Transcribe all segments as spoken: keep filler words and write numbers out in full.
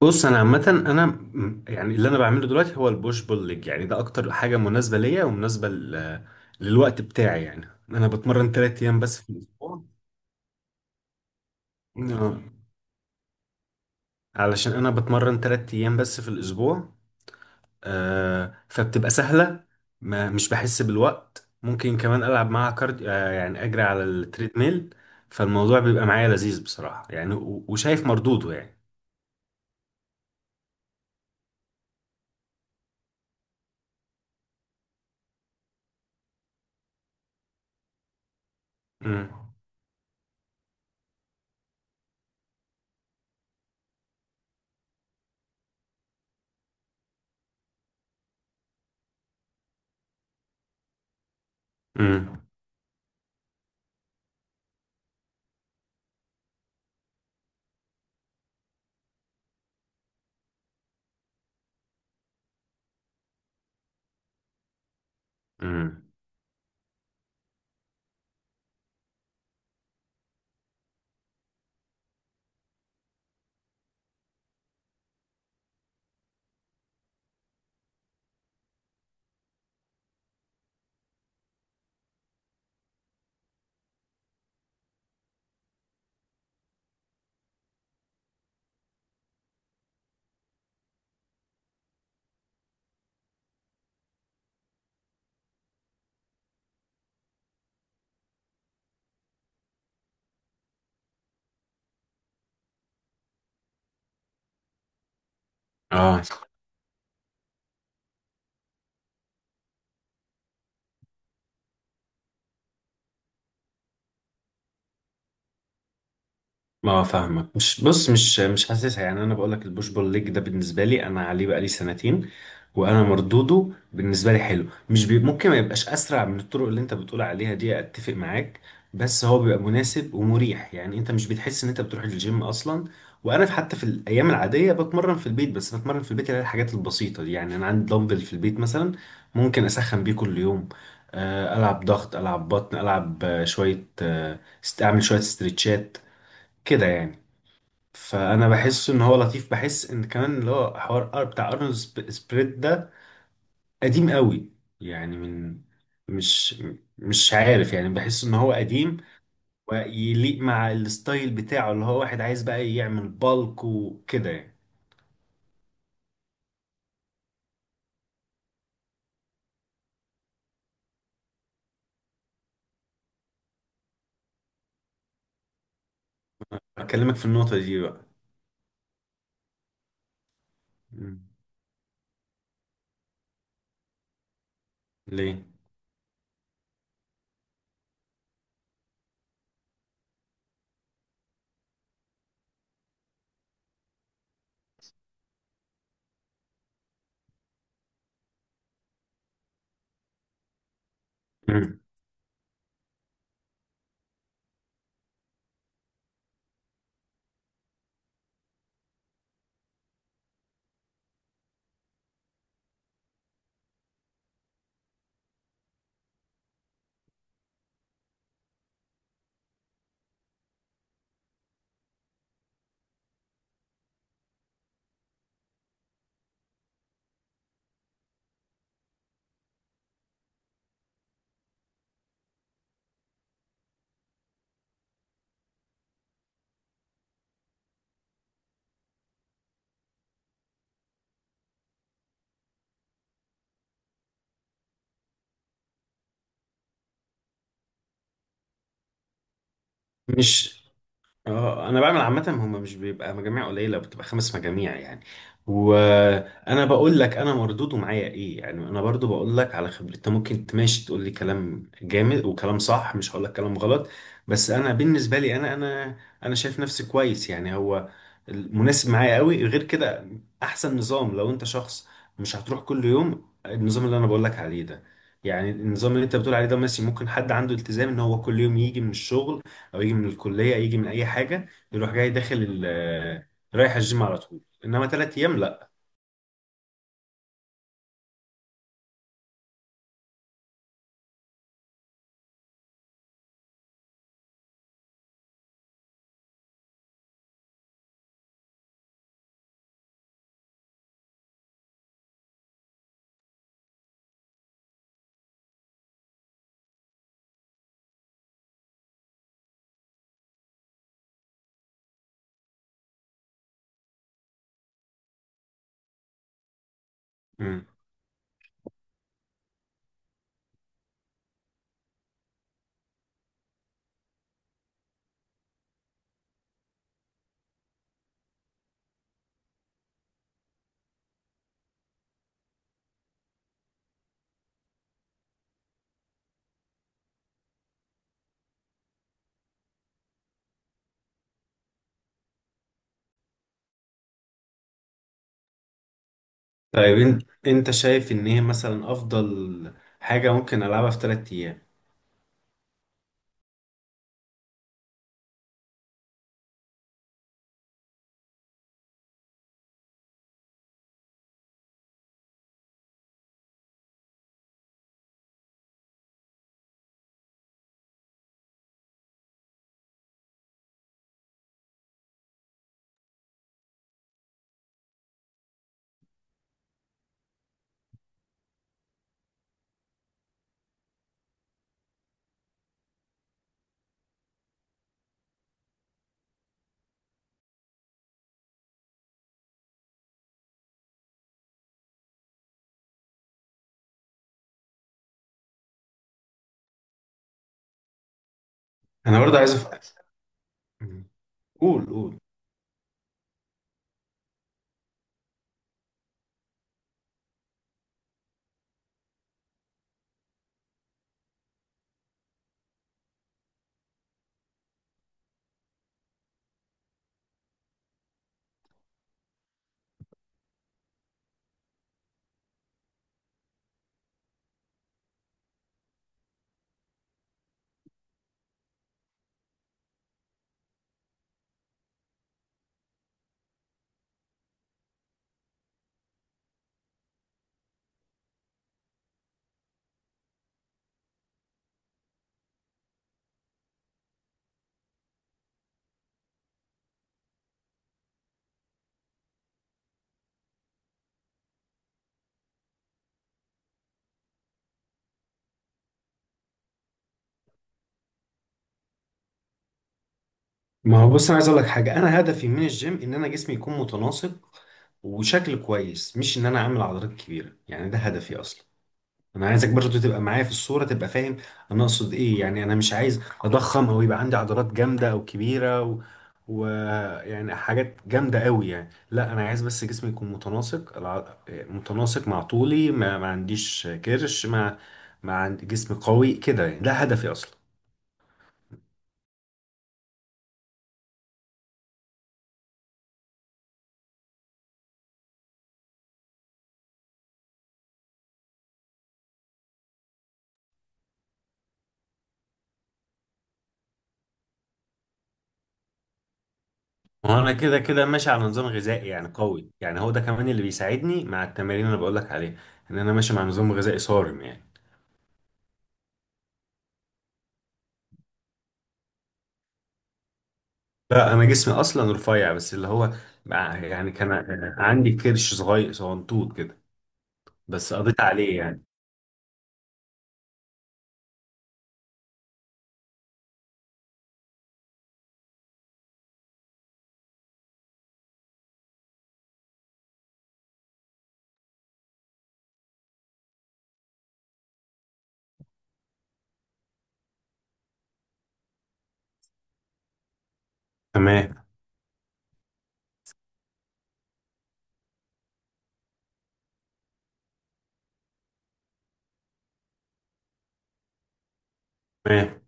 بص انا عامه انا م- يعني اللي انا بعمله دلوقتي هو البوش بول ليج. يعني ده اكتر حاجه مناسبه ليا ومناسبه ل- للوقت بتاعي. يعني انا بتمرن تلات ايام بس في الاسبوع. آه، علشان انا بتمرن تلات ايام بس في الاسبوع. آه، فبتبقى سهله. ما مش بحس بالوقت، ممكن كمان العب معاها كارد. آه، يعني اجري على التريدميل. فالموضوع بيبقى معايا لذيذ بصراحه، يعني و- وشايف مردوده يعني. امم امم امم اه، ما فاهمك. مش بص مش مش حاسسها. يعني انا بقول لك البوش بول ليج ده بالنسبه لي انا عليه بقالي سنتين، وانا مردوده بالنسبه لي حلو. مش بي ممكن ما يبقاش اسرع من الطرق اللي انت بتقول عليها دي، اتفق معاك. بس هو بيبقى مناسب ومريح. يعني انت مش بتحس ان انت بتروح الجيم اصلا. وانا في- حتى في الايام العاديه بتمرن في البيت. بس بتمرن في البيت اللي هي الحاجات البسيطه دي. يعني انا عندي دمبل في البيت مثلا، ممكن اسخن بيه كل يوم. آه، العب ضغط، العب بطن، العب آه، شويه، آه، است- اعمل شويه استرتشات كده يعني. فانا بحس ان هو لطيف. بحس ان كمان اللي هو حوار أر- بتاع ارنولد سب- سبريد ده قديم قوي. يعني من، مش مش عارف، يعني بحس ان هو قديم ويليق مع الستايل بتاعه اللي هو واحد عايز بقى يعمل بالك وكده يعني. اكلمك في النقطة دي بقى. مم. ليه؟ مم. مش اه، انا بعمل عامه. هم مش بيبقى مجاميع قليله، بتبقى خمس مجاميع يعني. وانا بقول لك انا مردوده معايا ايه. يعني انا برضو بقول لك على خبرتي، انت ممكن تماشي تقول لي كلام جامد وكلام صح، مش هقول لك كلام غلط. بس انا بالنسبه لي، انا انا انا شايف نفسي كويس يعني. هو مناسب معايا قوي. غير كده، احسن نظام لو انت شخص مش هتروح كل يوم، النظام اللي انا بقول لك عليه ده. يعني النظام اللي انت بتقول عليه ده ماشي، ممكن حد عنده التزام ان هو كل يوم يجي من الشغل او يجي من الكليه، يجي من اي حاجه يروح جاي داخل ال- آه، رايح الجيم على طول. انما ثلاث ايام لا. مم. طيب انت، انت شايف ان هي مثلا افضل حاجه ممكن العبها في ثلاث ايام؟ انا برضه عايز أف... مم. قول قول. ما هو بص، انا عايز اقول لك حاجه. انا هدفي من الجيم ان انا جسمي يكون متناسق وشكل كويس، مش ان انا اعمل عضلات كبيره يعني. ده هدفي اصلا. انا عايزك برضو تبقى معايا في الصورة، تبقى فاهم انا اقصد ايه. يعني انا مش عايز اضخم او يبقى عندي عضلات جامدة او كبيرة و... و... يعني حاجات جامدة قوي يعني. لا انا عايز بس جسمي يكون متناسق، الع... متناسق مع طولي، ما, ما عنديش كرش، ما ما عندي جسم قوي كده يعني. ده هدفي اصلا. وانا كده كده ماشي على نظام غذائي يعني قوي، يعني هو ده كمان اللي بيساعدني مع التمارين اللي بقولك عليها، ان انا ماشي مع نظام غذائي صارم يعني. لا انا جسمي اصلا رفيع، بس اللي هو بقى- يعني كان عندي كرش صغير صغنطوط كده، بس قضيت عليه يعني. تمام. تمام.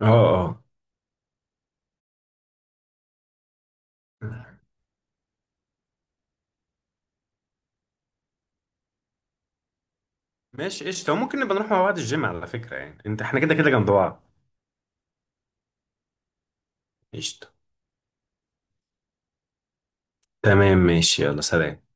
اه، اه. ماشي قشطة، ممكن نبقى نروح مع بعض الجيم على فكرة، يعني انت احنا كده كده جنب بعض. قشطة. تمام ماشي، يلا سلام.